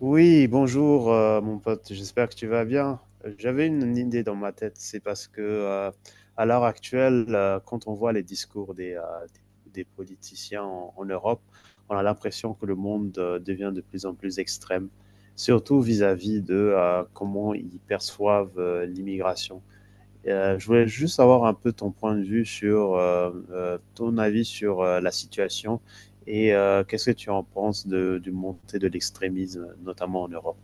Oui, bonjour mon pote, j'espère que tu vas bien. J'avais une idée dans ma tête, c'est parce que à l'heure actuelle, quand on voit les discours des politiciens en Europe, on a l'impression que le monde devient de plus en plus extrême, surtout vis-à-vis de comment ils perçoivent l'immigration. Je voulais juste avoir un peu ton point de vue sur ton avis sur la situation et qu'est-ce que tu en penses de, du montée de l'extrémisme, notamment en Europe.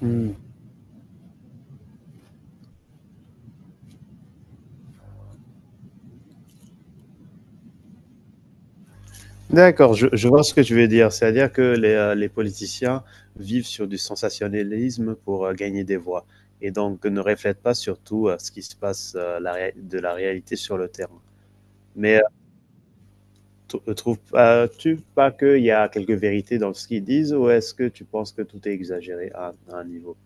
Hmm. D'accord, je vois ce que tu veux dire. C'est-à-dire que les politiciens vivent sur du sensationnalisme pour gagner des voix et donc ne reflètent pas surtout ce qui se passe de la réalité sur le terrain. Mais ne trouves-tu pas qu'il y a quelques vérités dans ce qu'ils disent, ou est-ce que tu penses que tout est exagéré à un niveau?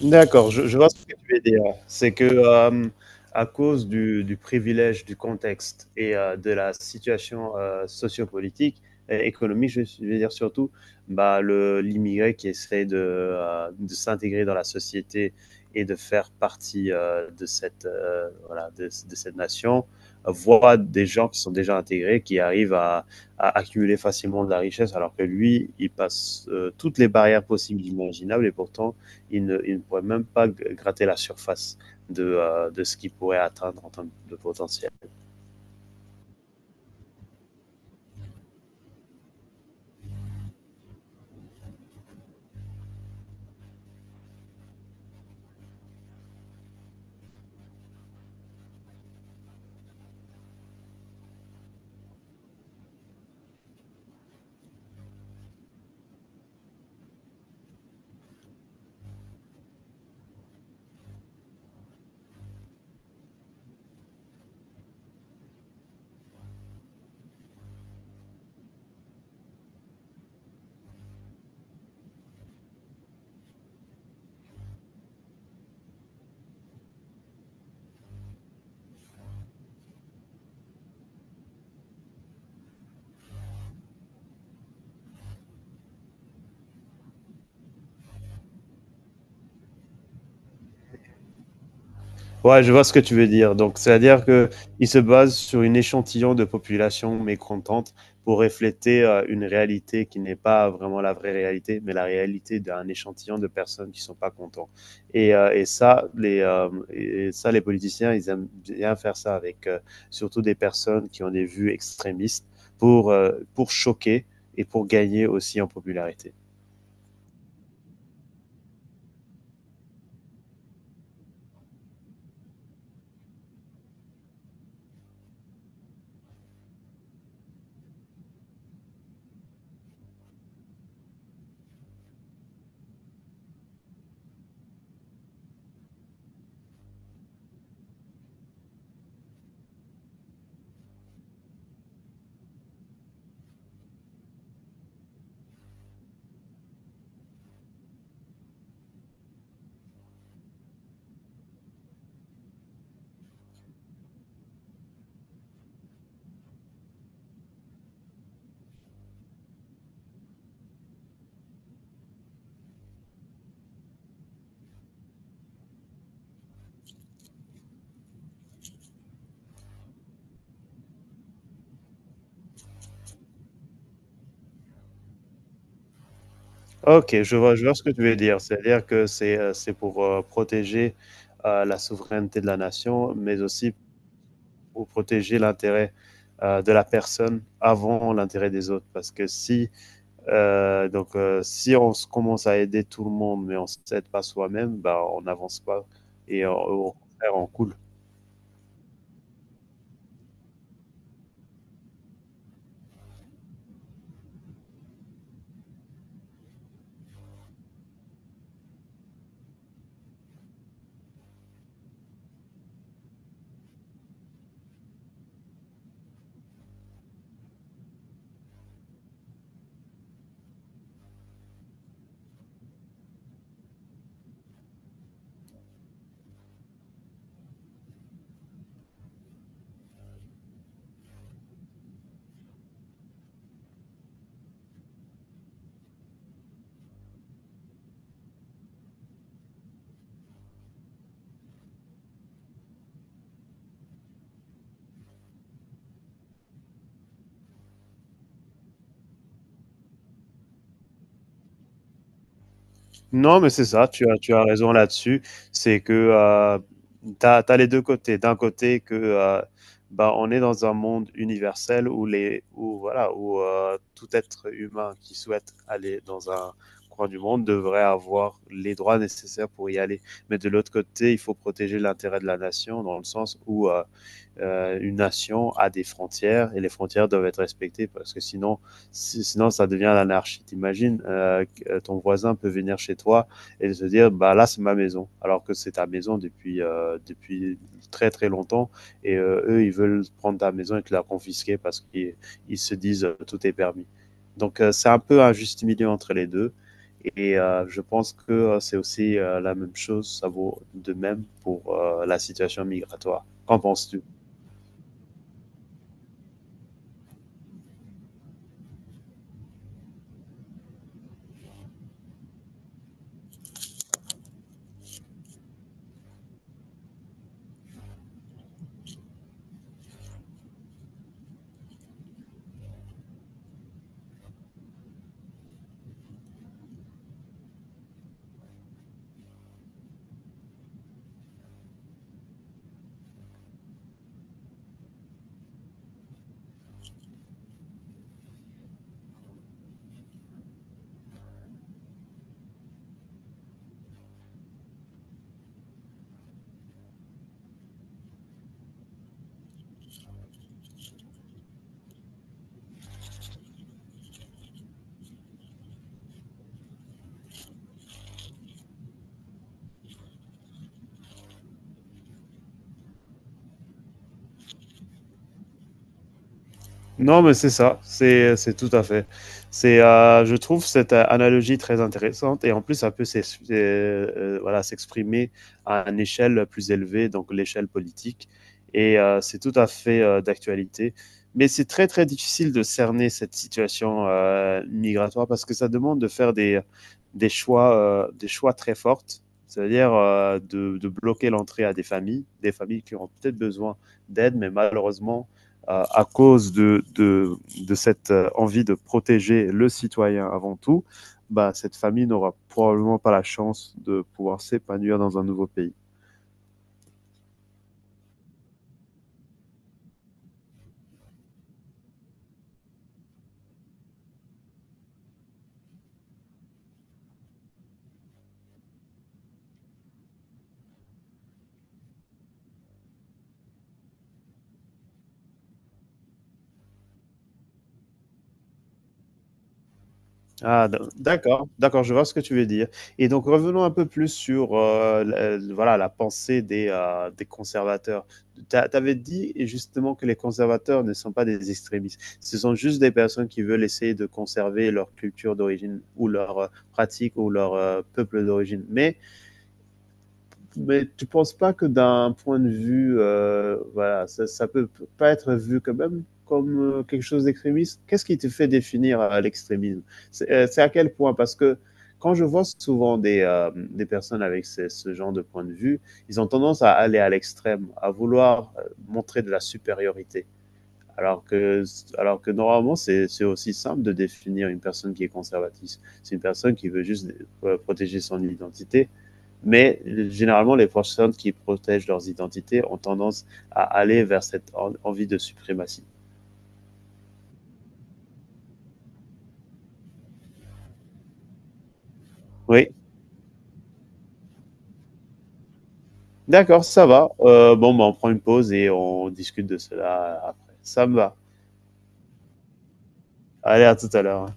D'accord, je vois ce que tu veux dire. C'est que à cause du privilège, du contexte et de la situation sociopolitique et économique, je veux dire surtout, bah, l'immigré qui essaie de s'intégrer dans la société et de faire partie voilà, de cette nation voit des gens qui sont déjà intégrés, qui arrivent à accumuler facilement de la richesse, alors que lui, il passe toutes les barrières possibles, imaginables, et pourtant il ne pourrait même pas gratter la surface de ce qu'il pourrait atteindre en termes de potentiel. Ouais, je vois ce que tu veux dire. Donc, c'est-à-dire qu'il se base sur une échantillon de population mécontente pour refléter une réalité qui n'est pas vraiment la vraie réalité, mais la réalité d'un échantillon de personnes qui ne sont pas contents. Et ça, les politiciens, ils aiment bien faire ça avec surtout des personnes qui ont des vues extrémistes pour choquer et pour gagner aussi en popularité. OK, je vois ce que tu veux dire. C'est-à-dire que c'est pour, protéger, la souveraineté de la nation, mais aussi pour protéger l'intérêt, de la personne avant l'intérêt des autres. Parce que si, donc, si on se commence à aider tout le monde, mais on ne s'aide pas soi-même, bah, on n'avance pas et au contraire, on coule. Non, mais c'est ça, tu as raison là-dessus. C'est que, tu as les 2 côtés. D'un côté que, bah, on est dans un monde universel où les où voilà, où, tout être humain qui souhaite aller dans un coin du monde devrait avoir les droits nécessaires pour y aller. Mais de l'autre côté, il faut protéger l'intérêt de la nation dans le sens où, une nation a des frontières et les frontières doivent être respectées, parce que sinon, sinon ça devient l'anarchie. T'imagines, ton voisin peut venir chez toi et se dire, bah là c'est ma maison, alors que c'est ta maison depuis depuis très très longtemps, et eux ils veulent prendre ta maison et te la confisquer parce qu'ils ils se disent tout est permis. Donc c'est un peu un juste milieu entre les deux. Et je pense que c'est aussi la même chose, ça vaut de même pour la situation migratoire. Qu'en penses-tu? Non, mais c'est ça, c'est tout à fait. C'est, je trouve cette analogie très intéressante, et en plus, ça peut voilà, s'exprimer à une échelle plus élevée, donc l'échelle politique. Et c'est tout à fait d'actualité. Mais c'est très, très difficile de cerner cette situation migratoire, parce que ça demande de faire des choix très forts, c'est-à-dire de bloquer l'entrée à des familles qui ont peut-être besoin d'aide, mais malheureusement, à cause cette envie de protéger le citoyen avant tout, bah, cette famille n'aura probablement pas la chance de pouvoir s'épanouir dans un nouveau pays. Ah, d'accord, d'accord, je vois ce que tu veux dire. Et donc revenons un peu plus sur voilà, la pensée des conservateurs. Tu avais dit justement que les conservateurs ne sont pas des extrémistes, ce sont juste des personnes qui veulent essayer de conserver leur culture d'origine, ou leur pratique, ou leur peuple d'origine. Mais tu penses pas que d'un point de vue, voilà, ça peut pas être vu quand même comme quelque chose d'extrémiste? Qu'est-ce qui te fait définir l'extrémisme? C'est à quel point? Parce que quand je vois souvent des personnes avec ce genre de point de vue, ils ont tendance à aller à l'extrême, à vouloir montrer de la supériorité. Alors que, alors que normalement, c'est aussi simple de définir une personne qui est conservatrice. C'est une personne qui veut juste protéger son identité, mais généralement, les personnes qui protègent leurs identités ont tendance à aller vers cette envie de suprématie. Oui, d'accord, ça va. Bon, bah, on prend une pause et on discute de cela après. Ça me va. Allez, à tout à l'heure.